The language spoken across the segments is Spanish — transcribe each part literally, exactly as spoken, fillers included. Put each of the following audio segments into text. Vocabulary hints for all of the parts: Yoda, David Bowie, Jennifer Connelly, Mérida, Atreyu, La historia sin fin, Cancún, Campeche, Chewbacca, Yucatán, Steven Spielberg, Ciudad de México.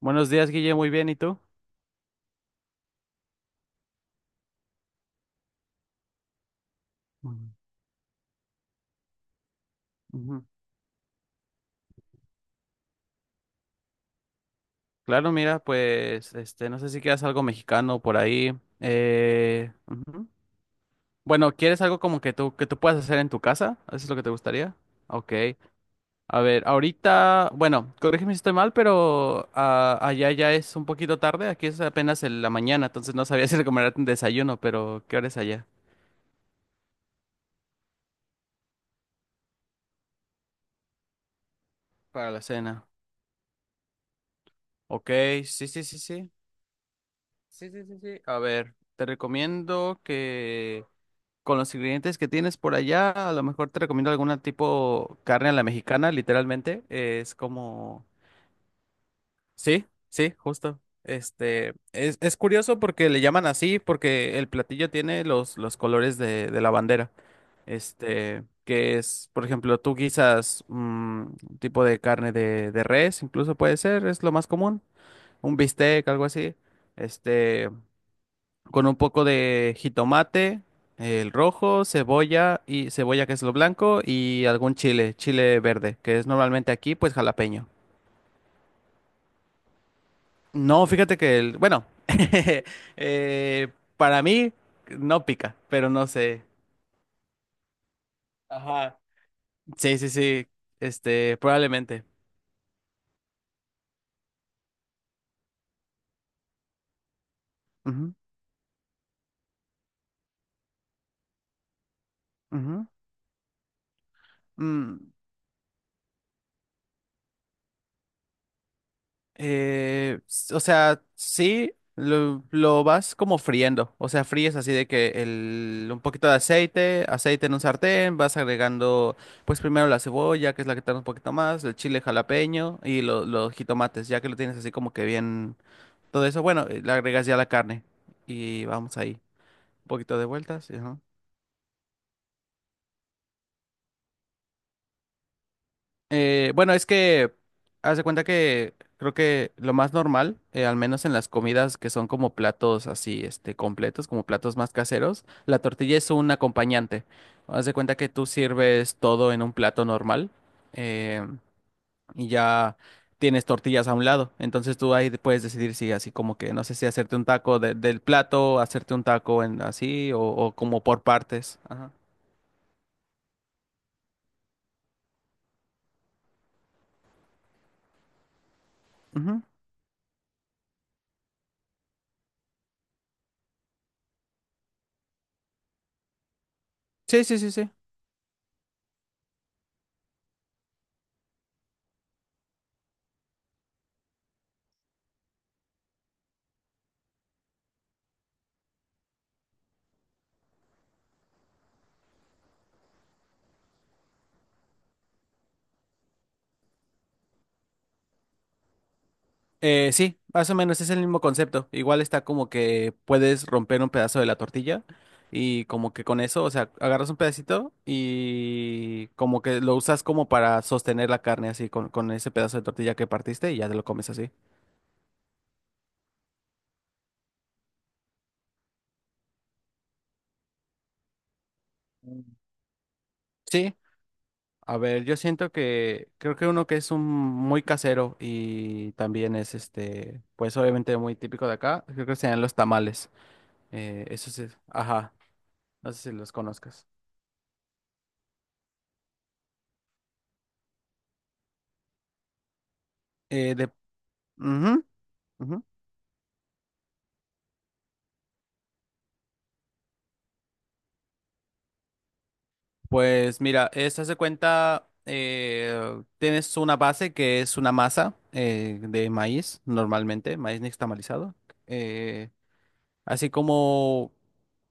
Buenos días, Guille, muy bien, ¿y tú? Ujú, ujú. Claro, mira, pues, este, no sé si quieres algo mexicano por ahí. Eh, ujú. Bueno, ¿quieres algo como que tú, que tú puedas hacer en tu casa? ¿Eso es lo que te gustaría? Ok. A ver, ahorita, bueno, corrígeme si estoy mal, pero ah, allá ya es un poquito tarde, aquí es apenas en la mañana, entonces no sabía si recomendarte un desayuno, pero ¿qué hora es allá? Para la cena. Ok, sí, sí, sí, sí. Sí, sí, sí, sí. A ver, te recomiendo que con los ingredientes que tienes por allá, a lo mejor te recomiendo alguna tipo carne a la mexicana, literalmente. Es como. Sí, sí, justo. Este, es, es curioso porque le llaman así, porque el platillo tiene los, los colores de, de la bandera. Este, que es, por ejemplo, tú guisas mm, un tipo de carne de, de res, incluso puede ser, es lo más común. Un bistec, algo así. Este, con un poco de jitomate, el rojo, cebolla y cebolla que es lo blanco y algún chile, chile verde, que es normalmente aquí pues jalapeño. No, fíjate que el, bueno, eh, para mí no pica, pero no sé. Ajá. Sí, sí, sí, este, probablemente. Ujú, ujú. Mm, Eh, s- o sea, sí, lo, lo vas como friendo. O sea, fríes así de que el, un poquito de aceite, aceite en un sartén, vas agregando, pues primero la cebolla, que es la que tarda un poquito más, el chile jalapeño y lo- los jitomates, ya que lo tienes así como que bien, todo eso, bueno, eh, le agregas ya la carne y vamos ahí. Un poquito de vueltas. Eh, bueno, es que haz de cuenta que creo que lo más normal, eh, al menos en las comidas que son como platos así, este, completos, como platos más caseros, la tortilla es un acompañante. Haz de cuenta que tú sirves todo en un plato normal, eh, y ya tienes tortillas a un lado. Entonces tú ahí puedes decidir si así como que, no sé si hacerte un taco de- del plato, hacerte un taco en así, o, o como por partes. Ajá. Ujú. Sí, sí, sí, sí. Eh, sí, más o menos es el mismo concepto. Igual está como que puedes romper un pedazo de la tortilla y como que con eso, o sea, agarras un pedacito y como que lo usas como para sostener la carne así con, con ese pedazo de tortilla que partiste y ya te lo comes así. Mm. Sí, a ver, yo siento que creo que uno que es un muy casero y también es este, pues obviamente muy típico de acá, creo que serían los tamales. Eh, eso sí, ajá, no sé si los conozcas. Eh, de, Ujú, ujú. Pues mira, eso se cuenta, eh, tienes una base que es una masa eh, de maíz, normalmente, maíz nixtamalizado. eh, así como,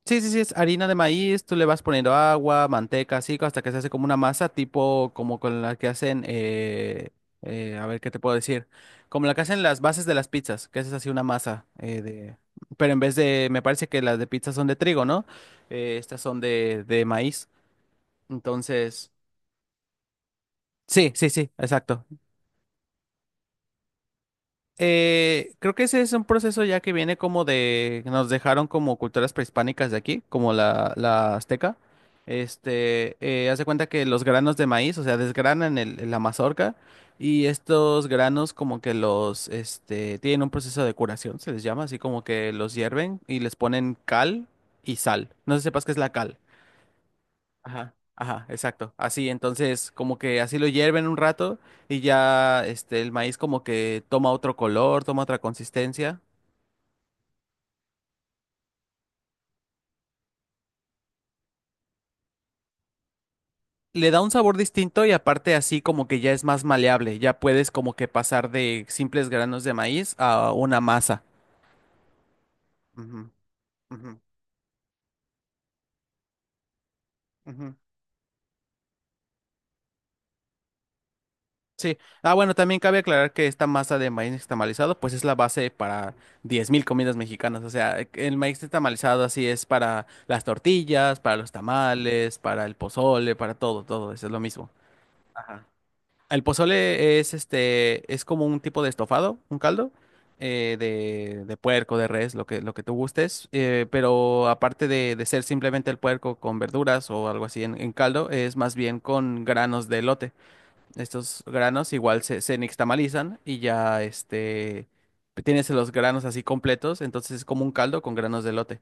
sí, sí, sí, es harina de maíz, tú le vas poniendo agua, manteca, así, hasta que se hace como una masa, tipo como con la que hacen, eh, eh, a ver qué te puedo decir, como la que hacen las bases de las pizzas, que haces así una masa eh, de... Pero en vez de, me parece que las de pizza son de trigo, ¿no? Eh, estas son de, de maíz. Entonces. Sí, sí, sí, exacto. Eh, creo que ese es un proceso ya que viene como de, nos dejaron como culturas prehispánicas de aquí, como la, la azteca. Este, eh, haz de cuenta que los granos de maíz, o sea, desgranan el, la mazorca y estos granos como que los, este, tienen un proceso de curación, se les llama, así como que los hierven y les ponen cal y sal. No sé si sepas qué es la cal. Ajá, ajá, exacto. Así, entonces, como que así lo hierven un rato y ya este el maíz como que toma otro color, toma otra consistencia. Le da un sabor distinto y aparte así como que ya es más maleable, ya puedes como que pasar de simples granos de maíz a una masa. Ujú, ujú, ujú. Sí. Ah, bueno, también cabe aclarar que esta masa de maíz nixtamalizado, pues es la base para diez mil comidas mexicanas. O sea, el maíz nixtamalizado así es para las tortillas, para los tamales, para el pozole, para todo, todo. Eso es lo mismo. Ajá. El pozole es este, es como un tipo de estofado, un caldo eh, de, de puerco, de res, lo que, lo que, tú gustes. Eh, pero aparte de, de ser simplemente el puerco con verduras o algo así en, en caldo, es más bien con granos de elote. Estos granos igual se, se nixtamalizan y ya este tienes los granos así completos, entonces es como un caldo con granos de elote.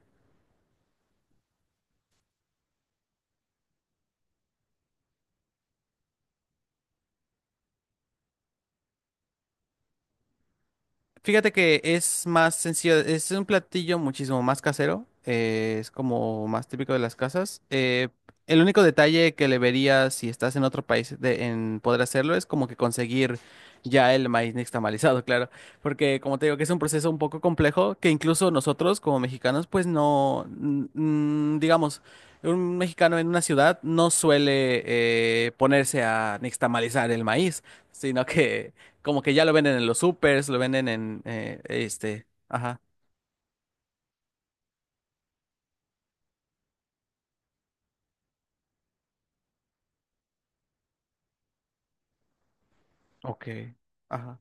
Fíjate que es más sencillo, es un platillo muchísimo más casero, eh, es como más típico de las casas. Eh, el único detalle que le vería si estás en otro país de- en poder hacerlo es como que conseguir ya el maíz nixtamalizado, claro, porque como te digo que es un proceso un poco complejo que incluso nosotros como mexicanos pues no, n- n- digamos, un mexicano en una ciudad no suele eh, ponerse a nixtamalizar el maíz, sino que como que ya lo venden en los supers, lo venden en eh, este, ajá. Ok, ajá,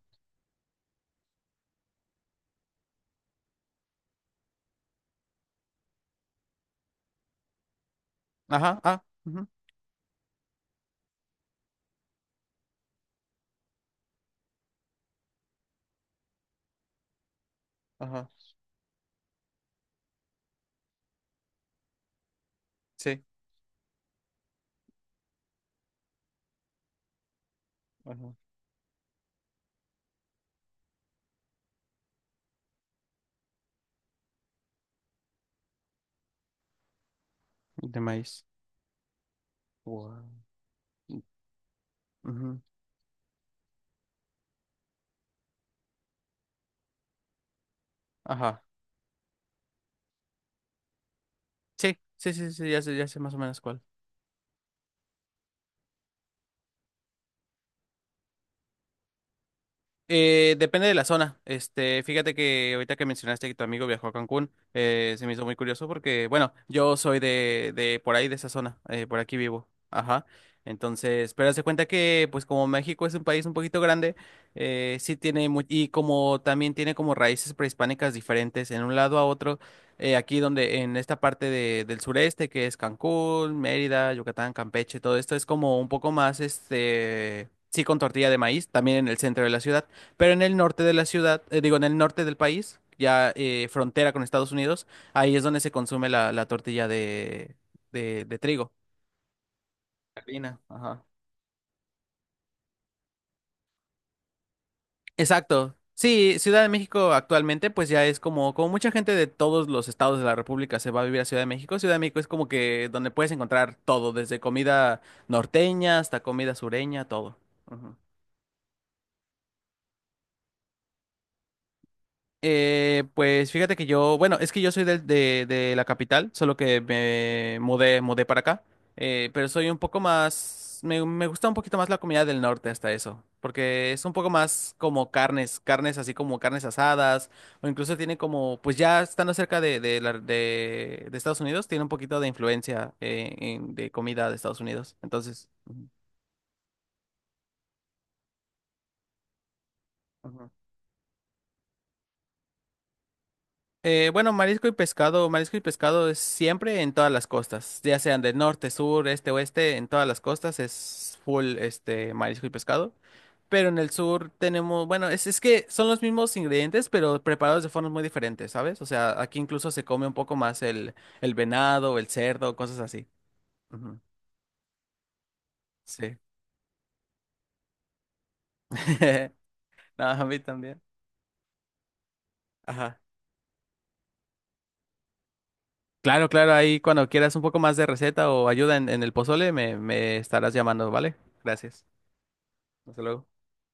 ajá, ah, ujú, ajá, sí, ajá, de maíz. Guau. Ujú. Ajá. Sí, sí, sí, sí, ya sé, ya sé, más o menos cuál. Eh, depende de la zona. Este, fíjate que ahorita que mencionaste que tu amigo viajó a Cancún, eh, se me hizo muy curioso porque, bueno, yo soy de, de por ahí, de esa zona, eh, por aquí vivo. Ajá. Entonces, pero haz de cuenta que, pues como México es un país un poquito grande, eh, sí tiene mu- y como también tiene como raíces prehispánicas diferentes en un lado a otro, eh, aquí donde, en esta parte de- del sureste, que es Cancún, Mérida, Yucatán, Campeche, todo esto es como un poco más, este. Sí, con tortilla de maíz, también en el centro de la ciudad. Pero en el norte de la ciudad, eh, digo, en el norte del país, ya eh, frontera con Estados Unidos, ahí es donde se consume la, la tortilla de, de, de trigo. La harina, ajá. Exacto. Sí, Ciudad de México actualmente, pues ya es como, como mucha gente de todos los estados de la República se va a vivir a Ciudad de México. Ciudad de México es como que donde puedes encontrar todo, desde comida norteña hasta comida sureña, todo. Ujú. Eh, pues fíjate que yo, bueno, es que yo soy del- de, de la capital, solo que me mudé, mudé, para acá, eh, pero soy un poco más, me, me gusta un poquito más la comida del norte hasta eso, porque es un poco más como carnes, carnes así como carnes asadas, o incluso tiene como, pues ya estando cerca de, de, la- de, de Estados Unidos, tiene un poquito de influencia eh, en- de comida de Estados Unidos, entonces. Ujú. Eh, bueno, marisco y pescado, marisco y pescado es siempre en todas las costas, ya sean del norte, sur, este, oeste, en todas las costas es full este marisco y pescado. Pero en el sur tenemos, bueno, es, es que son los mismos ingredientes, pero preparados de formas muy diferentes, ¿sabes? O sea, aquí incluso se come un poco más el, el, venado, el cerdo, cosas así. Ujú. Sí. No, a mí también. Ajá. Claro, claro, ahí cuando quieras un poco más de receta o ayuda en, en, el pozole, me, me estarás llamando, ¿vale? Gracias. Hasta luego.